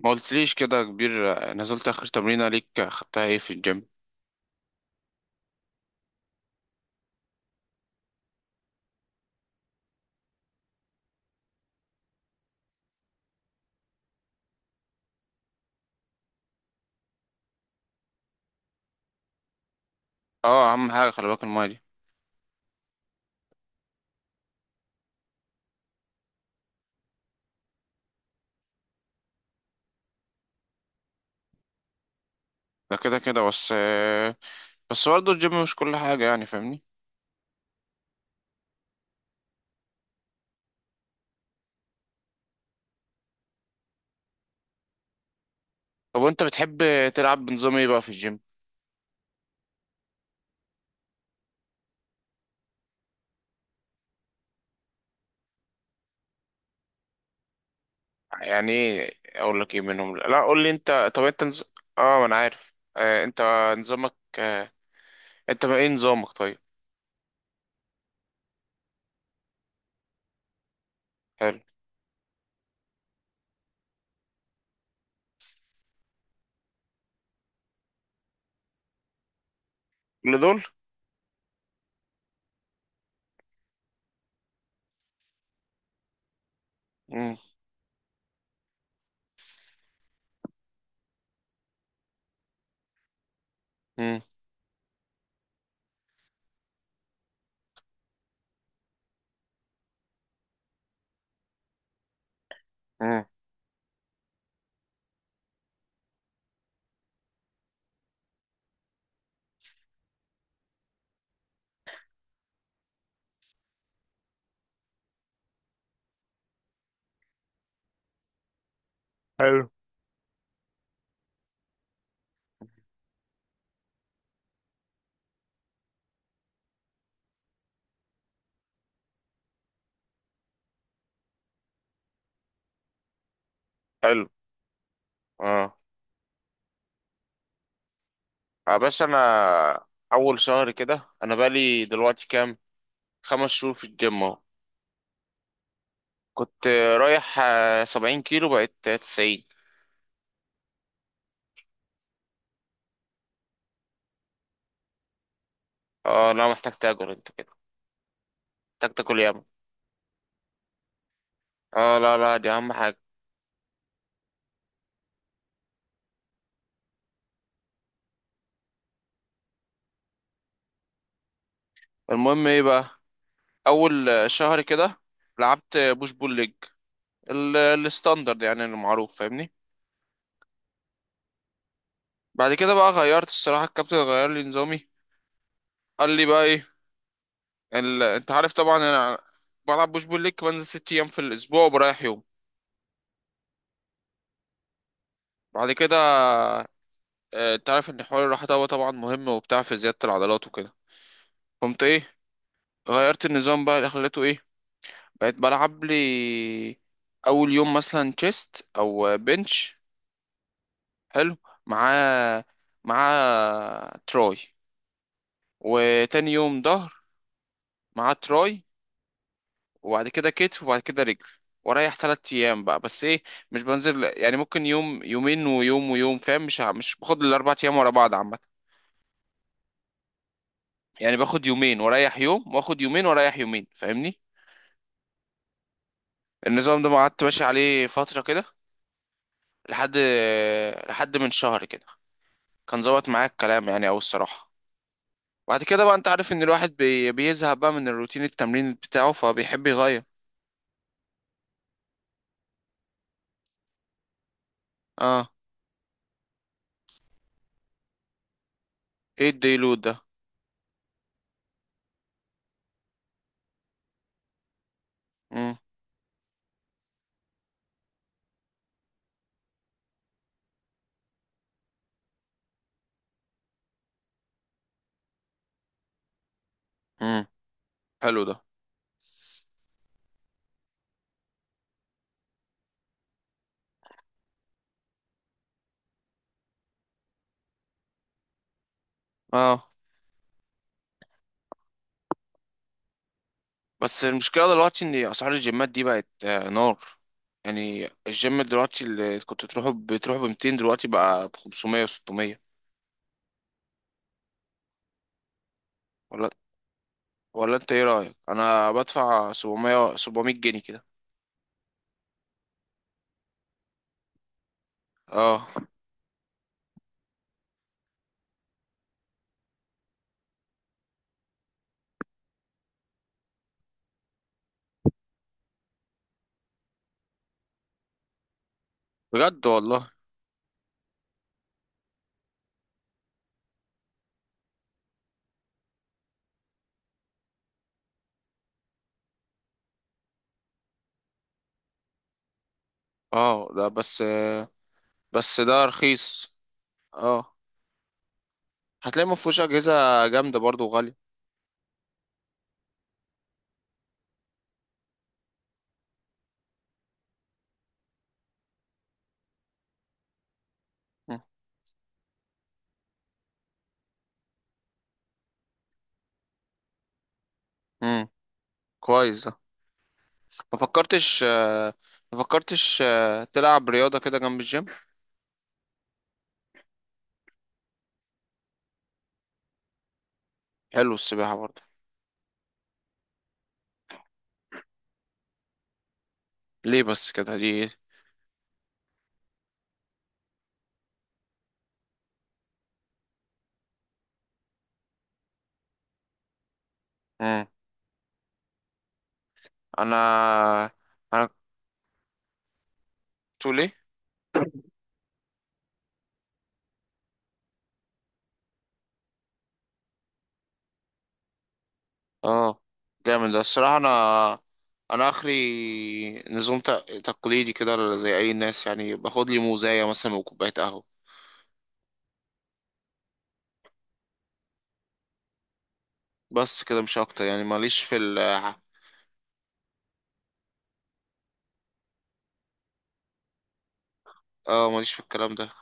ما قلتليش كده يا كبير. نزلت اخر تمرينه ليك، خدتها ايه في الجيم؟ اه اهم حاجه خلي بالك المايه دي. ده كده كده. بس بس برضه الجيم مش كل حاجه يعني، فاهمني؟ طب وانت بتحب تلعب بنظام ايه بقى في الجيم؟ يعني ايه اقول لك ايه منهم، لا قول لي انت. طب انت اه ما انا عارف، انت نظامك انت بقى ايه نظامك طيب؟ حلو. كل دول؟ مم. مم. مم. حلو. حلو. اه، بس انا اول شهر كده انا بقالي دلوقتي كام؟ 5 شهور في الجيم اهو. كنت رايح 70 كيلو، بقيت 90. اه لا، محتاج تاكل انت كده. محتاج تاكل ياما. اه لا لا، دي اهم حاجة. المهم ايه بقى؟ اول شهر كده لعبت بوش بول ليج، الستاندرد يعني المعروف، فاهمني؟ بعد كده بقى غيرت الصراحة، الكابتن غير لي نظامي. قال لي بقى ايه، انت عارف طبعا انا بلعب بوش بول ليج، بنزل 6 ايام في الاسبوع وبريح يوم. بعد كده انت عارف ان حوار الراحة ده هو طبعا مهم وبتاع في زيادة العضلات وكده. قمت ايه؟ غيرت النظام بقى، اللي خليته ايه؟ بقيت بلعب لي اول يوم مثلا تشيست او بنش، حلو، مع مع تراي، وتاني يوم ظهر مع تراي، وبعد كده كتف، وبعد كده رجل. واريح تلات ايام بقى، بس ايه، مش بنزل يعني، ممكن يوم يومين ويوم ويوم، فاهم؟ مش مش باخد الاربع ايام ورا بعض عامه. يعني باخد يومين واريح يوم، واخد يومين واريح يومين، فاهمني؟ النظام ده ما قعدت ماشي عليه فتره كده، لحد لحد من شهر كده، كان ظبط معايا الكلام يعني أوي الصراحة. بعد كده بقى أنت عارف إن الواحد بيزهق بقى من الروتين التمرين بتاعه، فبيحب يغير. اه، ايه الديلود ده؟ مم. مم. حلو ده. اه بس المشكلة دلوقتي إن أسعار الجيمات دي بقت آه نار. يعني الجيم دلوقتي اللي كنت تروحه بتروح ب 200، دلوقتي بقى ب 500 و600. ولا ولا انت ايه رأيك، انا بدفع 700 700 جنيه كده. اه بجد والله. اه ده بس بس ده رخيص. اه، هتلاقي ما فيهوش اجهزه جامده برضو وغاليه. مم. مم. كويس ده. ما فكرتش ما فكرتش تلعب رياضه كده جنب الجيم؟ حلو السباحه برضو. ليه بس كده دي إيه؟ مم. انا انا تقول ايه؟ اه جامد ده الصراحه. انا اخري نظام تقليدي كده زي اي ناس، يعني باخد لي موزايه مثلا وكوبايه قهوه، بس كده مش اكتر يعني، ماليش في ال- اه ماليش في الكلام ده.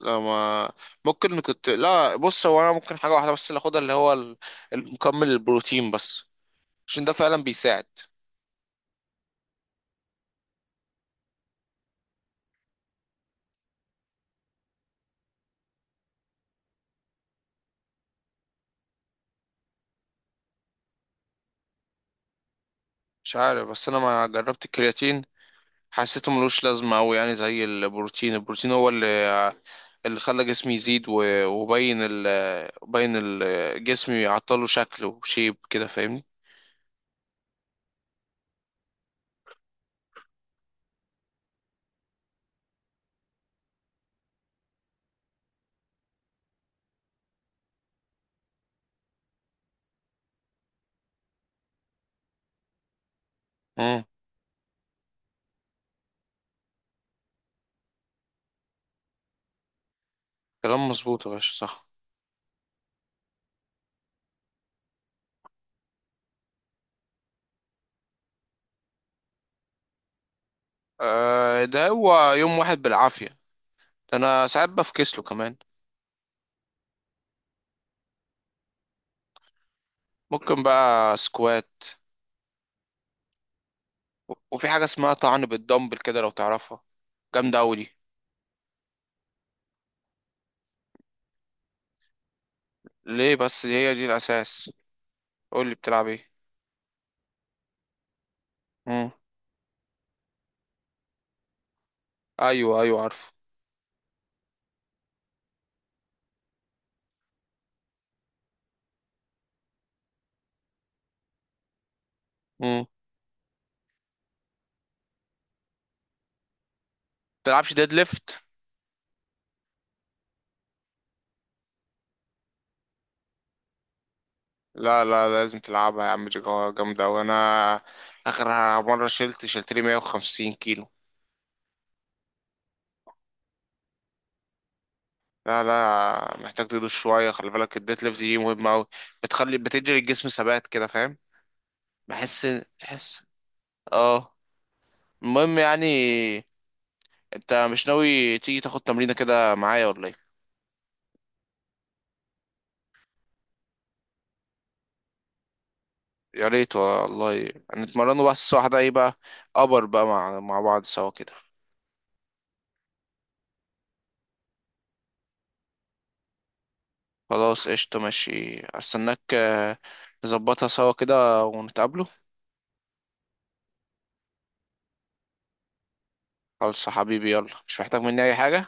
لا ما ممكن كنت، لا بص، هو انا ممكن حاجه واحده بس اللي اخدها، اللي هو المكمل، البروتين بس، عشان ده فعلا بيساعد. مش عارف بس انا ما جربت الكرياتين، حسيته ملوش لازمه قوي يعني، زي البروتين. البروتين هو اللي اللي خلى جسمي يزيد وبين ال بين ال جسمي، عطله شكله وشيب كده، فاهمني؟ امم، كلام مظبوط يا باشا صح. آه ده هو يوم واحد بالعافيه، ده انا ساعات بفكسله كمان. ممكن بقى سكوات، وفي حاجة اسمها طعن بالدمبل كده لو تعرفها، جامدة أوي دي. ليه بس، دي هي دي الأساس. قول لي بتلعب ايه. مم. أيوه أيوه عارفه. مم. بتلعبش ديد ليفت؟ لا لا لازم تلعبها يا عم، دي جامدة أوي. أنا آخر مرة شلت لي 150 كيلو. لا لا، محتاج تدوس شوية، خلي بالك الديد ليفت دي مهمة أوي، بتخلي، بتدي الجسم ثبات كده، فاهم؟ بحس بحس اه، المهم يعني انت مش ناوي تيجي تاخد تمرينة كده معايا ولا ايه؟ يا ريت والله. نتمرنوا بس الساعة واحدة ايه بقى، أبر بقى مع مع بعض سوا كده. خلاص قشطة ماشي، استناك نظبطها سوا كده ونتقابلوا. خلاص يا حبيبي يلا، مش محتاج مني أي حاجة.